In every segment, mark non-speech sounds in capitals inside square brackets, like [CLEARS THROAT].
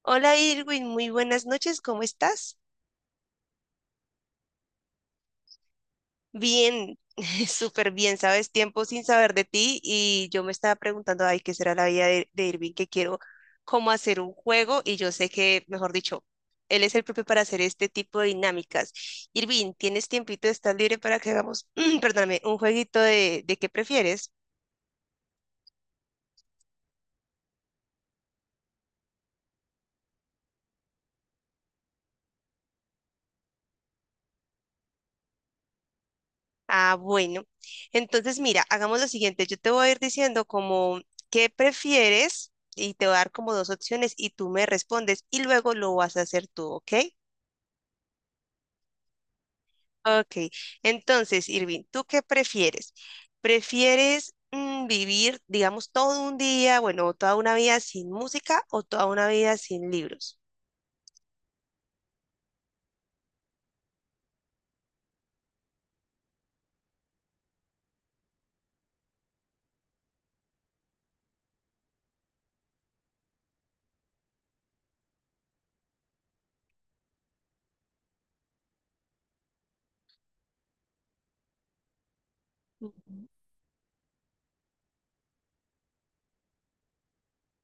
Hola Irwin, muy buenas noches, ¿cómo estás? Bien, [LAUGHS] súper bien, sabes, tiempo sin saber de ti y yo me estaba preguntando, ay, ¿qué será la vida de Irwin? Que quiero cómo hacer un juego y yo sé que, mejor dicho, él es el propio para hacer este tipo de dinámicas. Irwin, ¿tienes tiempito? ¿Estás libre para que hagamos, [CLEARS THROAT] perdóname, un jueguito de qué prefieres? Ah, bueno. Entonces, mira, hagamos lo siguiente. Yo te voy a ir diciendo como qué prefieres y te voy a dar como dos opciones y tú me respondes y luego lo vas a hacer tú, ¿ok? Ok, entonces, Irving, ¿tú qué prefieres? ¿Prefieres vivir, digamos, todo un día, bueno, toda una vida sin música o toda una vida sin libros? Ujú.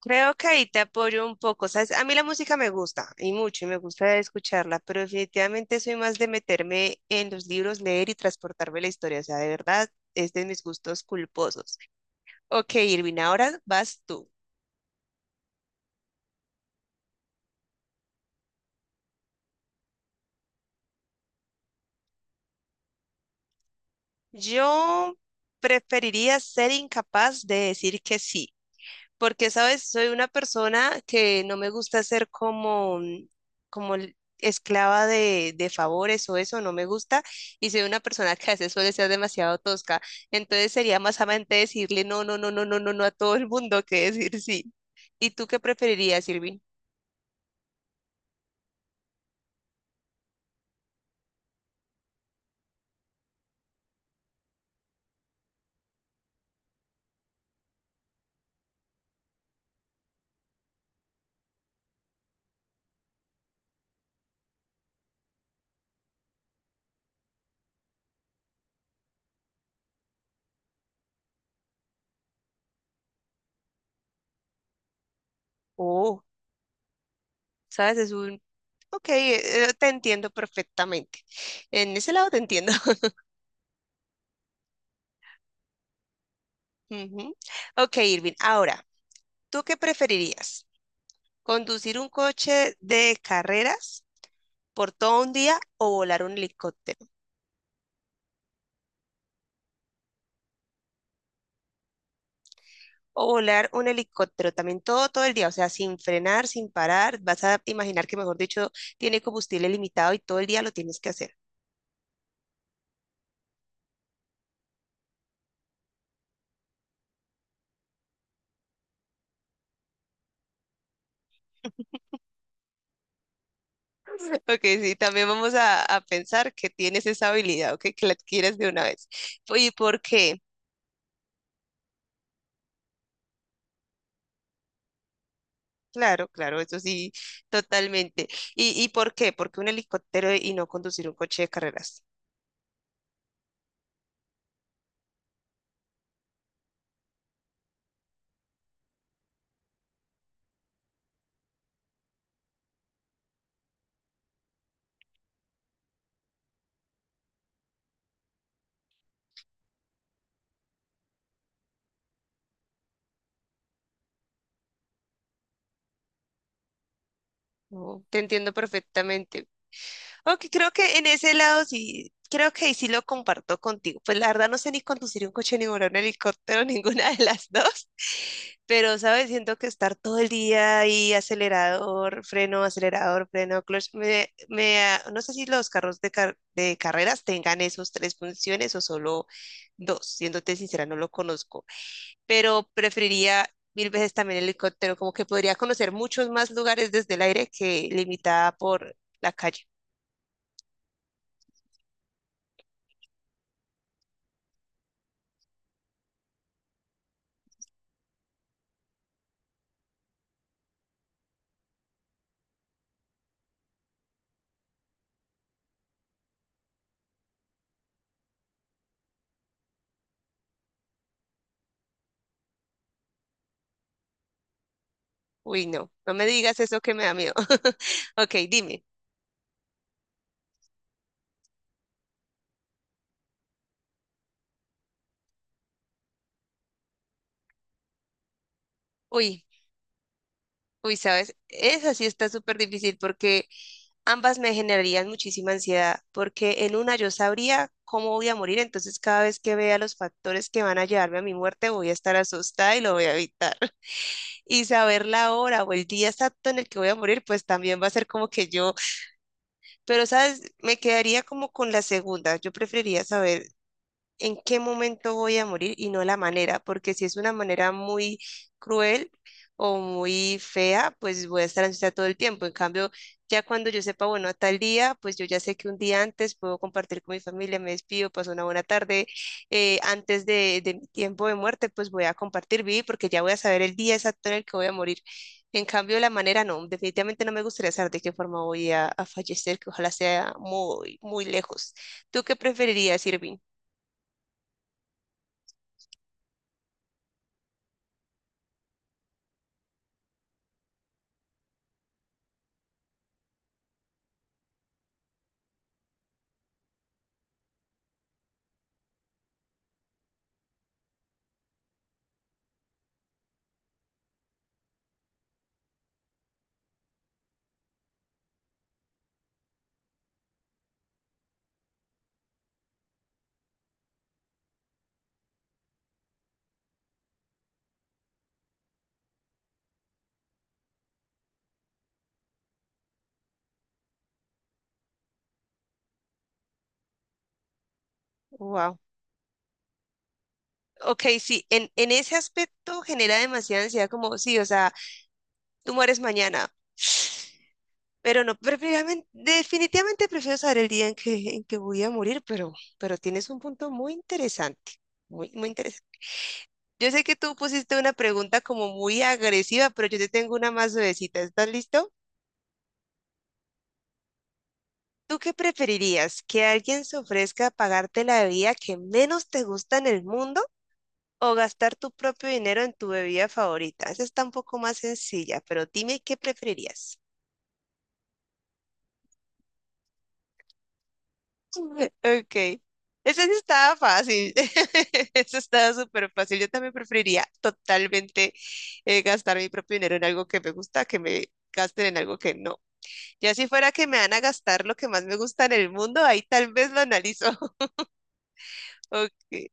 Creo que ahí te apoyo un poco, ¿sabes? A mí la música me gusta y mucho y me gusta escucharla, pero definitivamente soy más de meterme en los libros, leer y transportarme la historia, o sea, de verdad es de mis gustos culposos. Ok, Irving, ahora vas tú. Yo preferiría ser incapaz de decir que sí, porque, ¿sabes? Soy una persona que no me gusta ser como, como esclava de favores o eso, no me gusta, y soy una persona [LAUGHS] que a veces suele ser demasiado tosca, entonces sería más amante decirle no, no, no, no, no, no, no a todo el mundo que decir sí. ¿Y tú qué preferirías, Irving? Oh, ¿sabes? Es un... Ok, te entiendo perfectamente. En ese lado te entiendo. [LAUGHS] Ujú. Ok, Irving, ahora, ¿tú qué preferirías? ¿Conducir un coche de carreras por todo un día o volar un helicóptero? O volar un helicóptero también todo el día, o sea, sin frenar, sin parar. Vas a imaginar que, mejor dicho, tiene combustible limitado y todo el día lo tienes que hacer. [LAUGHS] Ok, sí, también vamos a pensar que tienes esa habilidad, ok, que la adquieres de una vez. ¿Y por qué? Claro, claro, eso sí, totalmente. ¿Y por qué? ¿Por qué un helicóptero y no conducir un coche de carreras? No, te entiendo perfectamente. Ok, creo que en ese lado sí, creo que ahí sí lo comparto contigo. Pues la verdad no sé ni conducir un coche, ni volar un helicóptero, [LAUGHS] ninguna de las dos. Pero, ¿sabes? Siento que estar todo el día ahí, acelerador, freno, clutch, no sé si los carros de carreras tengan esos tres funciones o solo dos. Siéndote sincera, no lo conozco. Pero preferiría mil veces también el helicóptero, como que podría conocer muchos más lugares desde el aire que limitada por la calle. Uy, no, no me digas eso que me da miedo. [LAUGHS] Ok, dime. Uy, uy, ¿sabes? Esa sí está súper difícil porque ambas me generarían muchísima ansiedad, porque en una yo sabría cómo voy a morir, entonces cada vez que vea los factores que van a llevarme a mi muerte voy a estar asustada y lo voy a evitar. [LAUGHS] Y saber la hora o el día exacto en el que voy a morir, pues también va a ser como que yo, pero, ¿sabes? Me quedaría como con la segunda. Yo preferiría saber en qué momento voy a morir y no la manera, porque si es una manera muy cruel o muy fea, pues voy a estar ansiosa todo el tiempo. En cambio, ya cuando yo sepa, bueno, a tal día, pues yo ya sé que un día antes puedo compartir con mi familia, me despido, paso una buena tarde antes de mi tiempo de muerte, pues voy a compartir, vivir, porque ya voy a saber el día exacto en el que voy a morir. En cambio, la manera no, definitivamente no me gustaría saber de qué forma voy a fallecer, que ojalá sea muy, muy lejos. ¿Tú qué preferirías, Irving? Wow. Ok, sí, en ese aspecto genera demasiada ansiedad, como, sí, o sea, tú mueres mañana, pero no, definitivamente, definitivamente prefiero saber el día en que voy a morir, pero tienes un punto muy interesante, muy, muy interesante. Yo sé que tú pusiste una pregunta como muy agresiva, pero yo te tengo una más suavecita, ¿estás listo? ¿Tú qué preferirías? ¿Que alguien se ofrezca a pagarte la bebida que menos te gusta en el mundo o gastar tu propio dinero en tu bebida favorita? Esa está un poco más sencilla, pero dime qué preferirías. [LAUGHS] Ok. Esa sí estaba fácil. [LAUGHS] Esa estaba súper fácil. Yo también preferiría totalmente gastar mi propio dinero en algo que me gusta, que me gasten en algo que no. Ya si fuera que me van a gastar lo que más me gusta en el mundo, ahí tal vez lo analizo. [LAUGHS] Ok.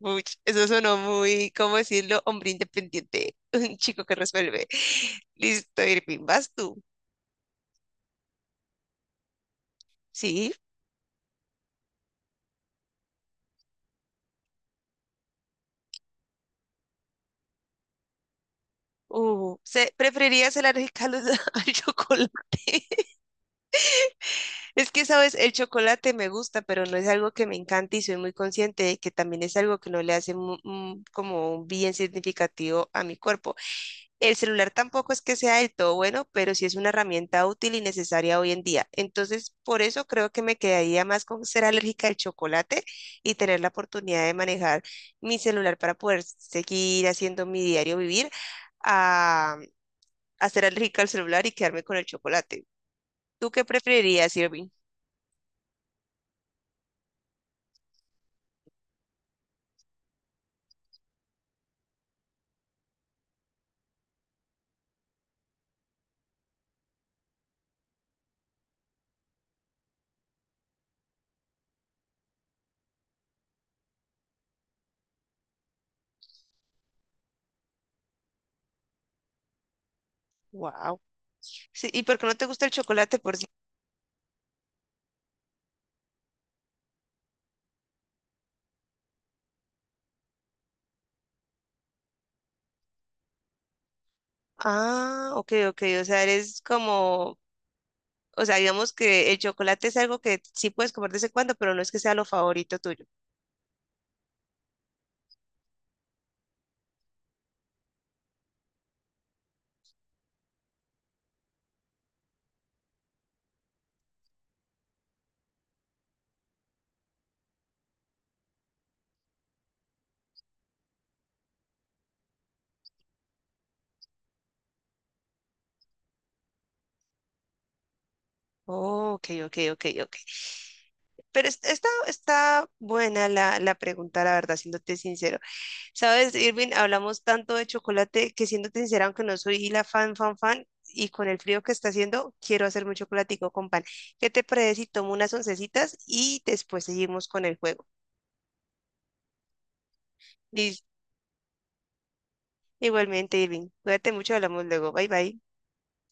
Uy, eso sonó muy, ¿cómo decirlo? Hombre independiente. [LAUGHS] Un chico que resuelve. Listo, Irving, vas tú. Sí, o se, preferirías el arroz [LAUGHS] al al chocolate. [LAUGHS] Es que, sabes, el chocolate me gusta, pero no es algo que me encante y soy muy consciente de que también es algo que no le hace como un bien significativo a mi cuerpo. El celular tampoco es que sea del todo bueno, pero sí es una herramienta útil y necesaria hoy en día. Entonces, por eso creo que me quedaría más con ser alérgica al chocolate y tener la oportunidad de manejar mi celular para poder seguir haciendo mi diario vivir ah, a ser alérgica al celular y quedarme con el chocolate. ¿Tú qué preferirías, Irving? Wow. Sí, ¿y por qué no te gusta el chocolate por sí? Ah, ok, ok. O sea, eres como, o sea, digamos que el chocolate es algo que sí puedes comer de vez en cuando, pero no es que sea lo favorito tuyo. Oh, ok, ok, ok, ok. Pero está, está buena la pregunta, la verdad, siéndote sincero. Sabes, Irving, hablamos tanto de chocolate que siéndote sincera, aunque no soy la fan, fan, fan, y con el frío que está haciendo, quiero hacerme un chocolatico con pan. ¿Qué te parece si tomo unas oncecitas y después seguimos con el juego? Y igualmente, Irving, cuídate mucho, hablamos luego. Bye, bye.